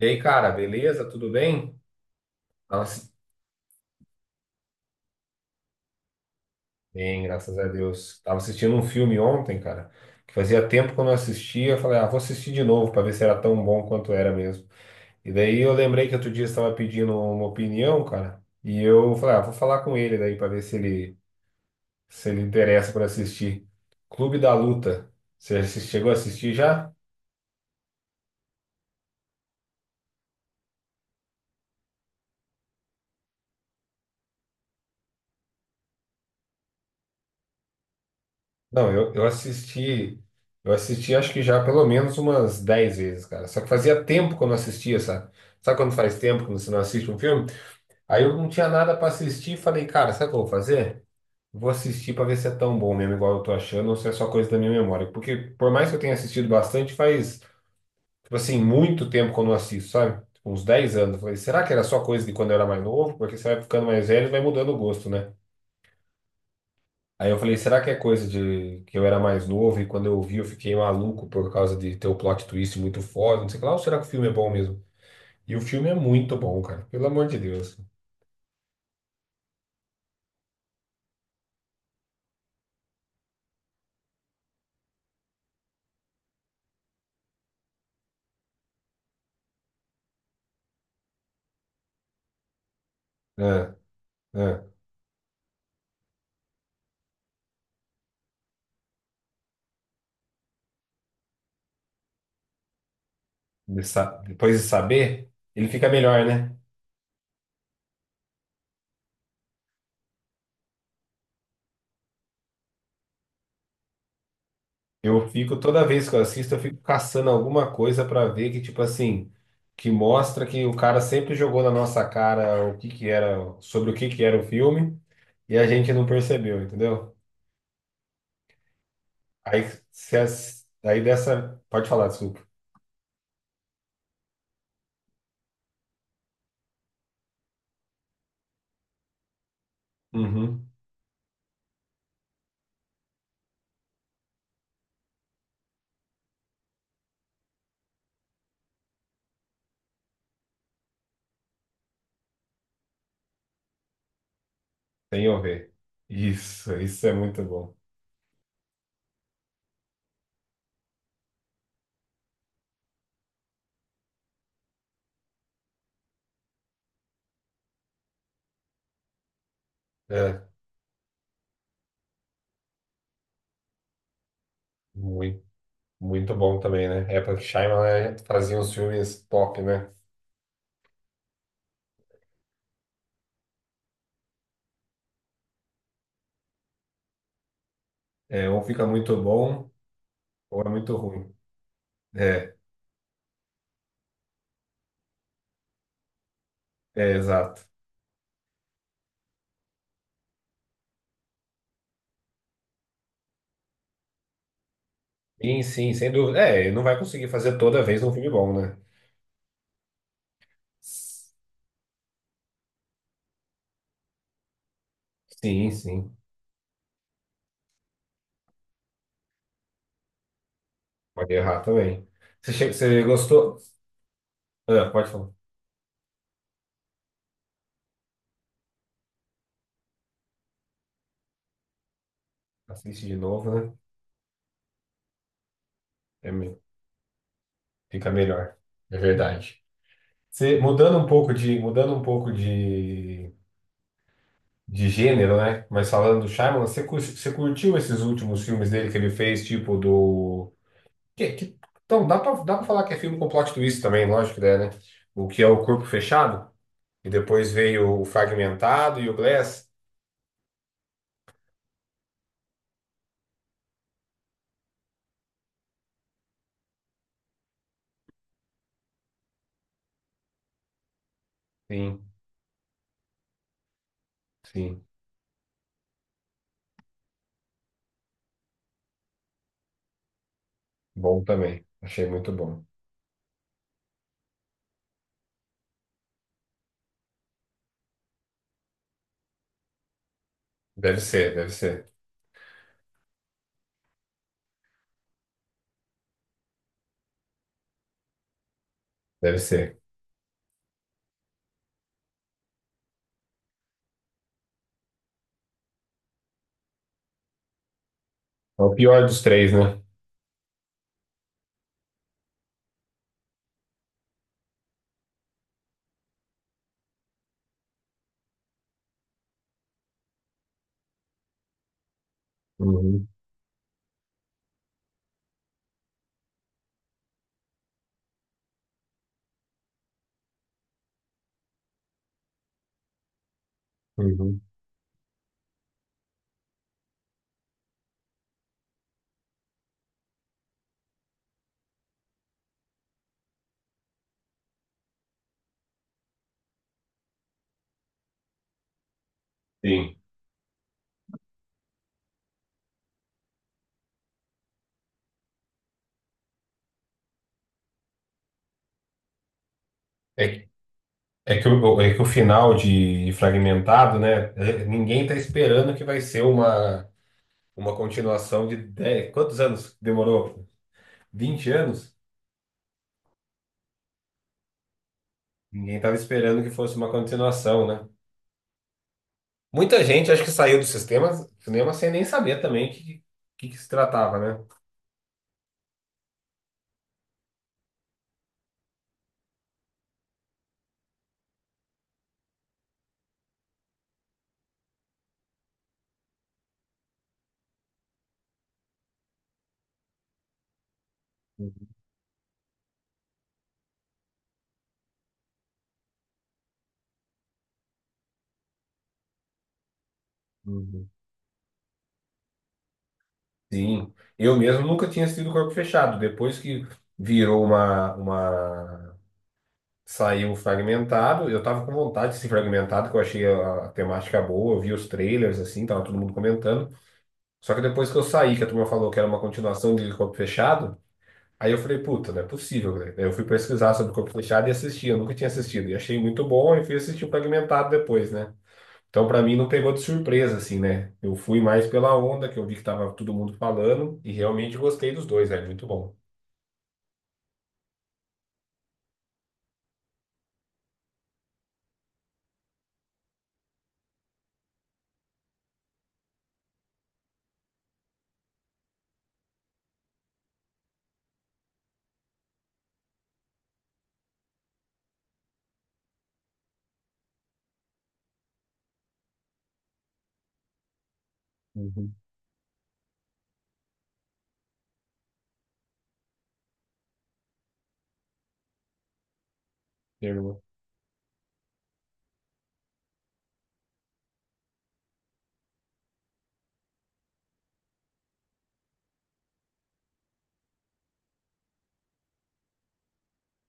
E aí, cara, beleza? Tudo bem? Tava assi- Bem, graças a Deus. Tava assistindo um filme ontem, cara, que fazia tempo que eu não assistia. Eu falei, ah, vou assistir de novo pra ver se era tão bom quanto era mesmo. E daí eu lembrei que outro dia você estava pedindo uma opinião, cara, e eu falei, ah, vou falar com ele daí pra ver se ele interessa por assistir. Clube da Luta. Chegou a assistir já? Não, eu assisti acho que já pelo menos umas 10 vezes, cara. Só que fazia tempo que eu não assistia, sabe? Sabe quando faz tempo que você não assiste um filme? Aí eu não tinha nada pra assistir e falei, cara, sabe o que eu vou fazer? Vou assistir pra ver se é tão bom mesmo, igual eu tô achando, ou se é só coisa da minha memória. Porque por mais que eu tenha assistido bastante, faz, tipo assim, muito tempo que eu não assisto, sabe? Tipo, uns 10 anos. Eu falei, será que era só coisa de quando eu era mais novo? Porque você vai ficando mais velho e vai mudando o gosto, né? Aí eu falei, será que é coisa de que eu era mais novo e quando eu vi eu fiquei maluco por causa de ter o plot twist muito forte, não sei o que lá, ou será que o filme é bom mesmo? E o filme é muito bom, cara, pelo amor de Deus. É, é. Depois de saber, ele fica melhor, né? Eu fico, toda vez que eu assisto, eu fico caçando alguma coisa pra ver que, tipo assim, que mostra que o cara sempre jogou na nossa cara o que que era, sobre o que que era o filme e a gente não percebeu, entendeu? Aí, se as- aí dessa. Pode falar, desculpa. Uhum. Sem ouvir. Isso é muito bom. É, muito, muito bom também, né? Época que Shyamalan né, fazia uns filmes top, né? É, ou fica muito bom, ou é muito ruim. É, é, exato. Sim, sim, sem dúvida. É, ele não vai conseguir fazer toda vez um filme bom, né? Sim, sim. Pode errar também. Você gostou? Ah, pode falar. Assiste de novo, né? É, fica melhor. É verdade. Você, mudando um pouco de gênero, né? Mas falando do Shyamalan, você curtiu esses últimos filmes dele que ele fez, tipo do. Que, que... Então, dá pra falar que é filme com plot twist também, lógico que é, né? O que é o Corpo Fechado, e depois veio o Fragmentado e o Glass. Sim, sim. Bom também. Achei muito bom. Deve ser, deve ser, deve ser. É o pior dos três, né? Uhum, uhum. Sim. É, é que o final de Fragmentado, né? Ninguém tá esperando que vai ser uma continuação de 10, quantos anos demorou? 20 anos? Ninguém estava esperando que fosse uma continuação, né? Muita gente acho que saiu do cinema sem nem saber também que que se tratava, né? Uhum. Sim, eu mesmo nunca tinha assistido Corpo Fechado. Depois que virou uma. Saiu fragmentado, eu tava com vontade de ser fragmentado, que eu achei a temática boa, eu vi os trailers assim, tava todo mundo comentando. Só que depois que eu saí, que a turma falou que era uma continuação de Corpo Fechado. Aí eu falei, puta, não é possível, né? Daí eu fui pesquisar sobre Corpo Fechado e assisti, eu nunca tinha assistido. E achei muito bom e fui assistir o Fragmentado depois, né? Então, pra mim, não pegou de surpresa, assim, né? Eu fui mais pela onda, que eu vi que tava todo mundo falando, e realmente gostei dos dois, é muito bom. Uhum. Terminou.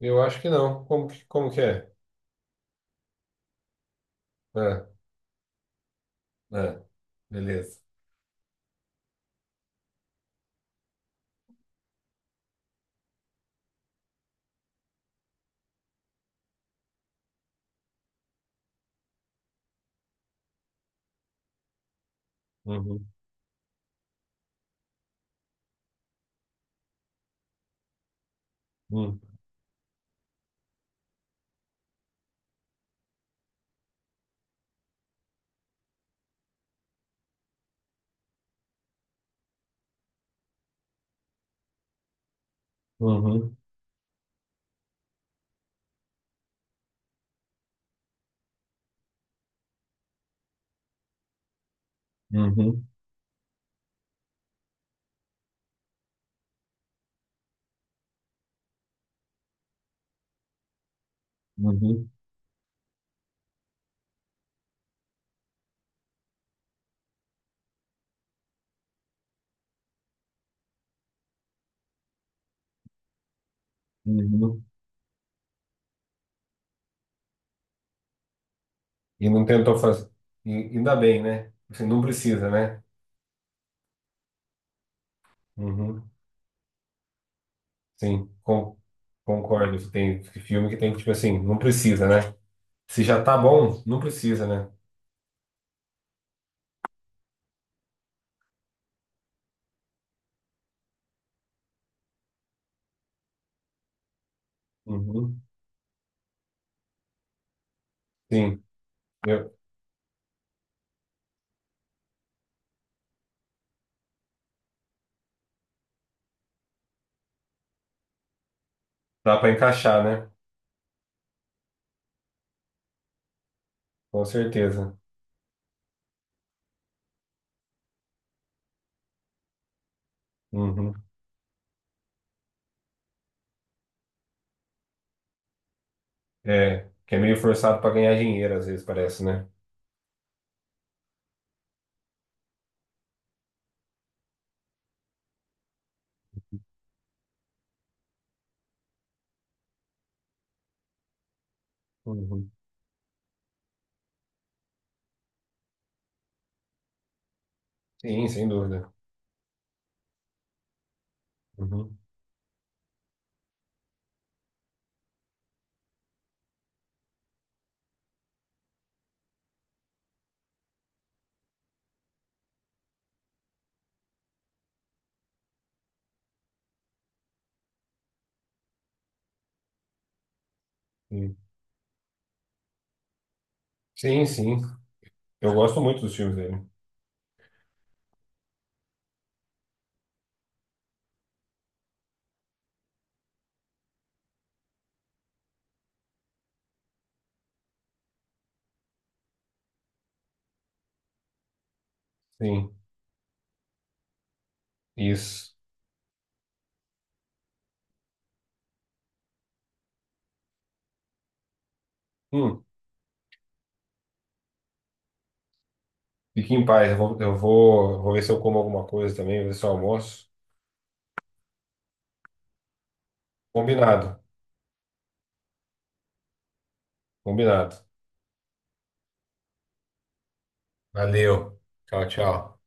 Eu acho que não. Como que é? Ah, ah, beleza. Uhum, uhum, uhum, uhum, uhum, uhum. E não tentou fazer. E- Ainda bem, né? Você não precisa, né? Uhum. Sim, concordo. Tem filme que tem que, tipo assim, não precisa, né? Se já tá bom, não precisa, né? Uhum. Sim, eu, dá pra encaixar, né? Com certeza. Uhum. É, que é meio forçado pra ganhar dinheiro, às vezes, parece, né? Uhum. Sim, sem dúvida. Uhum. Sim. Sim, sim. Eu gosto muito dos filmes dele. Sim, isso. Hum, fique em paz. Vou ver se eu como alguma coisa também, vou ver se eu almoço. Combinado, combinado. Valeu. Tchau, tchau.